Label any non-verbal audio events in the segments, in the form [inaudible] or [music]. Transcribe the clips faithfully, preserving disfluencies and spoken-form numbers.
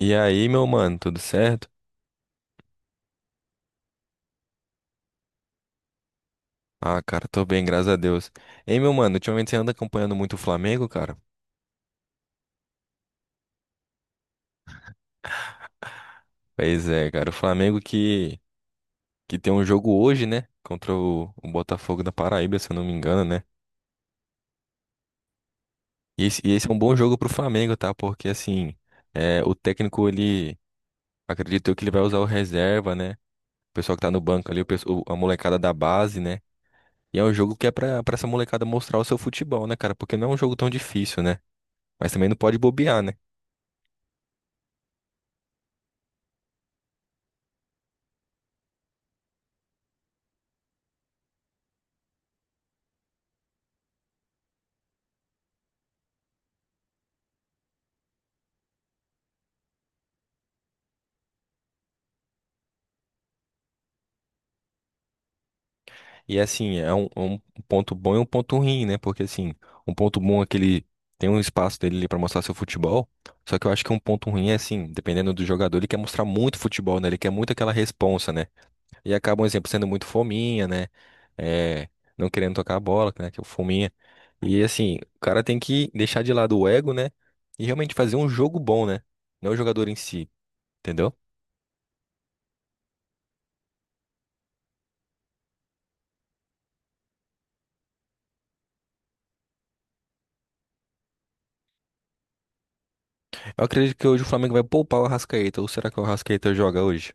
E aí, meu mano, tudo certo? Ah, cara, tô bem, graças a Deus. Ei, meu mano, ultimamente você anda acompanhando muito o Flamengo, cara? Pois é, cara, o Flamengo que, que tem um jogo hoje, né? Contra o, o Botafogo da Paraíba, se eu não me engano, né? E esse, e esse é um bom jogo pro Flamengo, tá? Porque, assim, é, o técnico, ele, acredito eu que ele vai usar o reserva, né? O pessoal que tá no banco ali, o, pessoal- a molecada da base, né? E é um jogo que é pra, pra essa molecada mostrar o seu futebol, né, cara? Porque não é um jogo tão difícil, né? Mas também não pode bobear, né? E assim, é um, é um ponto bom e um ponto ruim, né? Porque assim, um ponto bom é que ele tem um espaço dele para mostrar seu futebol. Só que eu acho que um ponto ruim é assim, dependendo do jogador, ele quer mostrar muito futebol, né? Ele quer muito aquela responsa, né? E acaba, um exemplo, sendo muito fominha, né? É, não querendo tocar a bola, né? Que é o fominha. E assim, o cara tem que deixar de lado o ego, né? E realmente fazer um jogo bom, né? Não o jogador em si, entendeu? Eu acredito que hoje o Flamengo vai poupar o Arrascaeta. Ou será que o Arrascaeta joga hoje?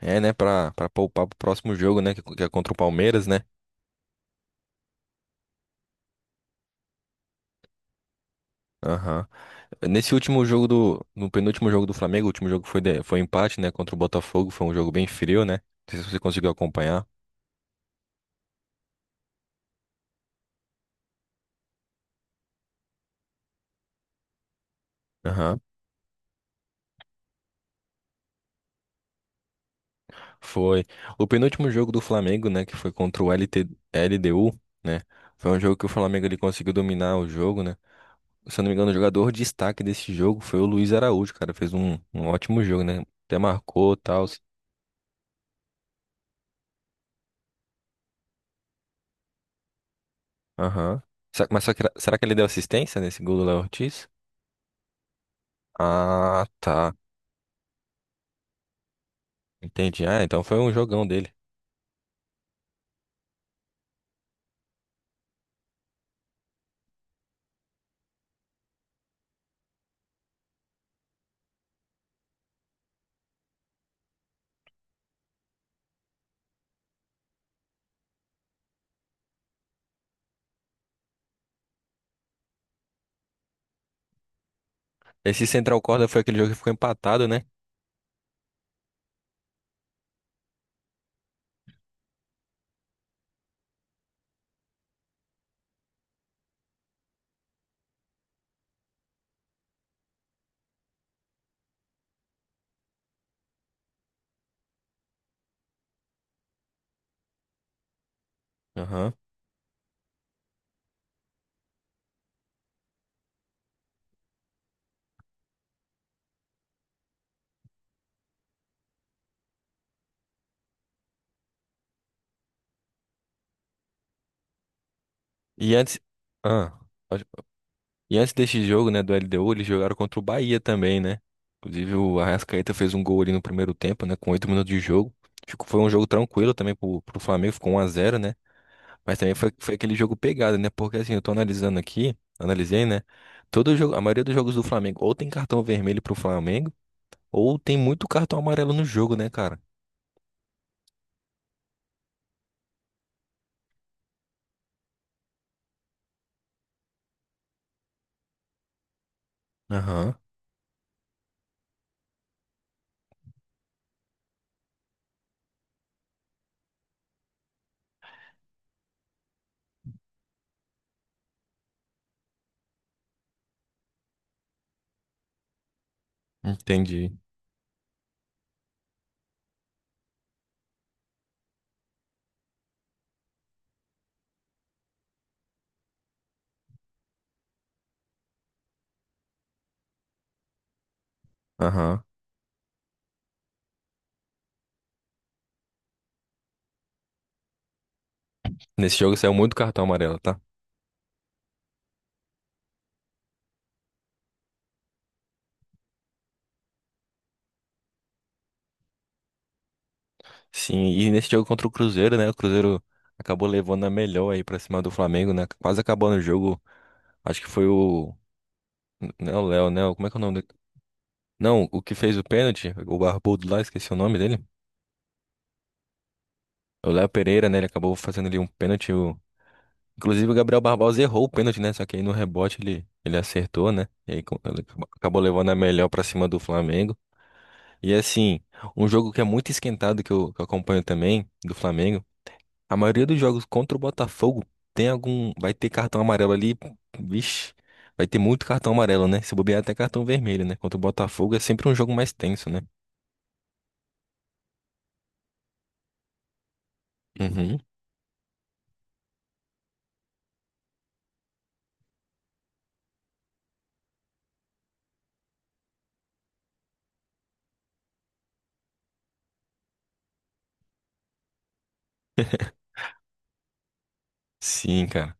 É, né, pra, pra poupar pro próximo jogo, né, que, que é contra o Palmeiras, né? Aham. Nesse último jogo do, no penúltimo jogo do Flamengo, o último jogo foi, de- foi empate, né, contra o Botafogo, foi um jogo bem frio, né? Não sei se você conseguiu acompanhar. Aham. Foi. O penúltimo jogo do Flamengo, né, que foi contra o L L T L D U né? Foi um jogo que o Flamengo ele conseguiu dominar o jogo, né? Se eu não me engano, o jogador destaque desse jogo foi o Luiz Araújo, cara, fez um, um ótimo jogo, né? Até marcou, tal. Aham. Sa- Mas só que- será que ele deu assistência nesse gol do Léo Ortiz? Ah, tá. Entendi. Ah, então foi um jogão dele. Esse Central Corda foi aquele jogo que ficou empatado, né? Aham. E antes. Ah, pode- e antes desse jogo, né, do L D U, eles jogaram contra o Bahia também, né? Inclusive o Arrascaeta fez um gol ali no primeiro tempo, né? Com oito minutos de jogo. Ficou, foi um jogo tranquilo também pro, pro Flamengo, ficou um a zero, né? Mas também foi, foi aquele jogo pegado, né? Porque assim, eu tô analisando aqui, analisei, né? Todo jogo, a maioria dos jogos do Flamengo ou tem cartão vermelho pro Flamengo, ou tem muito cartão amarelo no jogo, né, cara? Aham. Entendi. Aham. Nesse jogo saiu muito cartão amarelo, tá? Sim, e nesse jogo contra o Cruzeiro, né? O Cruzeiro acabou levando a melhor aí pra cima do Flamengo, né? Quase acabou no jogo. Acho que foi o. Não é o Léo, né? Como é que é o nome dele? Não, o que fez o pênalti, o barbudo lá, esqueci o nome dele. O Léo Pereira, né? Ele acabou fazendo ali um pênalti. o- Inclusive o Gabriel Barbosa errou o pênalti, né? Só que aí no rebote ele, ele acertou, né? E aí co- ele acabou levando a melhor pra cima do Flamengo. E assim, um jogo que é muito esquentado que eu, que eu acompanho também, do Flamengo, a maioria dos jogos contra o Botafogo tem algum. Vai ter cartão amarelo ali. Vixe, vai ter muito cartão amarelo, né? Se bobear até cartão vermelho, né? Contra o Botafogo é sempre um jogo mais tenso, né? Uhum. [laughs] Sim, cara.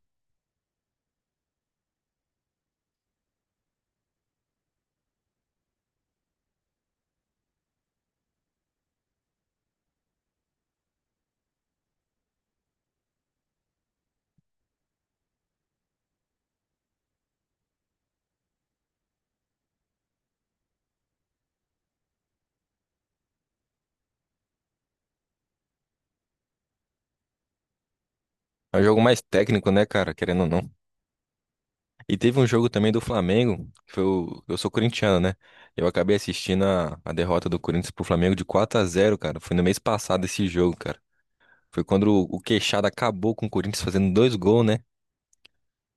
É um jogo mais técnico, né, cara? Querendo ou não. E teve um jogo também do Flamengo, que foi o... eu sou corintiano, né? Eu acabei assistindo a, a derrota do Corinthians pro Flamengo de quatro a zero, cara. Foi no mês passado esse jogo, cara. Foi quando o o Queixada acabou com o Corinthians fazendo dois gols, né?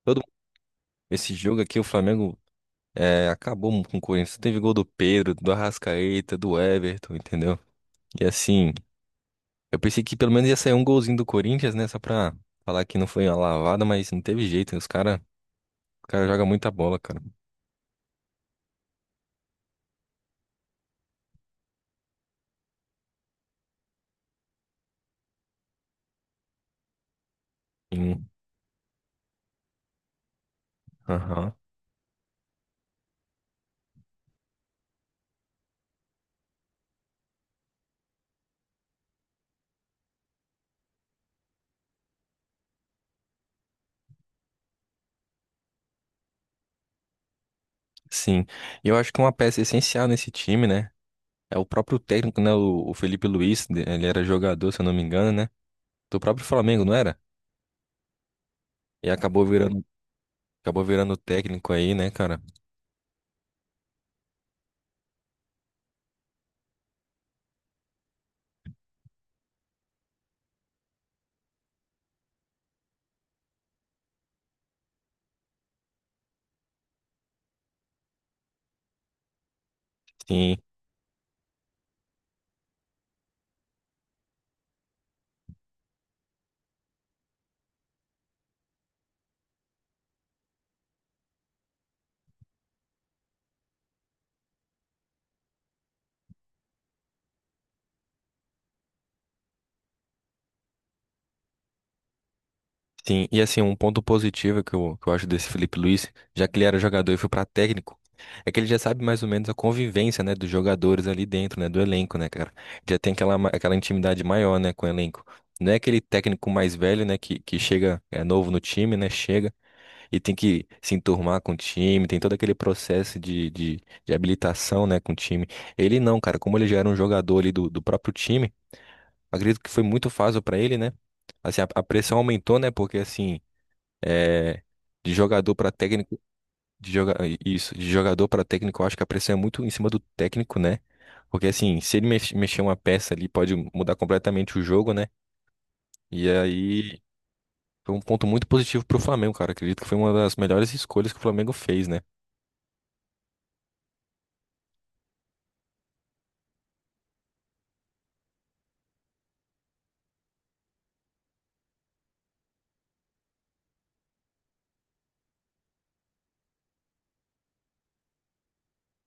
Todo esse jogo aqui, o Flamengo é, acabou com o Corinthians. Teve gol do Pedro, do Arrascaeta, do Everton, entendeu? E assim, eu pensei que pelo menos ia sair um golzinho do Corinthians, né? Só pra falar que não foi uma lavada, mas não teve jeito. Os cara, o cara joga muita bola, cara. Sim. Aham. Sim. E eu acho que uma peça essencial nesse time, né? É o próprio técnico, né? O, o Felipe Luiz, ele era jogador, se eu não me engano, né? Do próprio Flamengo, não era? E acabou virando Acabou virando técnico aí, né, cara? Sim, sim. E assim, um ponto positivo que eu, que eu acho desse Felipe Luiz, já que ele era jogador e foi pra técnico, é que ele já sabe mais ou menos a convivência, né, dos jogadores ali dentro, né, do elenco, né, cara? Já tem aquela, ma- aquela intimidade maior, né, com o elenco. Não é aquele técnico mais velho, né, que, que chega, é novo no time, né, chega e tem que se enturmar com o time, tem todo aquele processo de, de, de habilitação, né, com o time. Ele não, cara, como ele já era um jogador ali do, do próprio time. Acredito que foi muito fácil para ele, né? Assim, a, a pressão aumentou, né? Porque assim, é, de jogador para técnico, de joga... isso, de jogador para técnico, eu acho que a pressão é muito em cima do técnico, né? Porque assim, se ele mex- mexer uma peça ali, pode mudar completamente o jogo, né? E aí foi um ponto muito positivo pro Flamengo, cara. Acredito que foi uma das melhores escolhas que o Flamengo fez, né?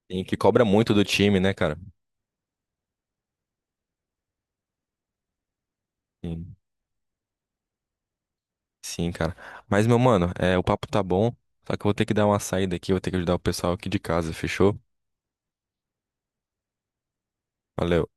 E que cobra muito do time, né, cara? Sim, sim, cara. Mas, meu mano, é, o papo tá bom, só que eu vou ter que dar uma saída aqui, eu vou ter que ajudar o pessoal aqui de casa, fechou? Valeu.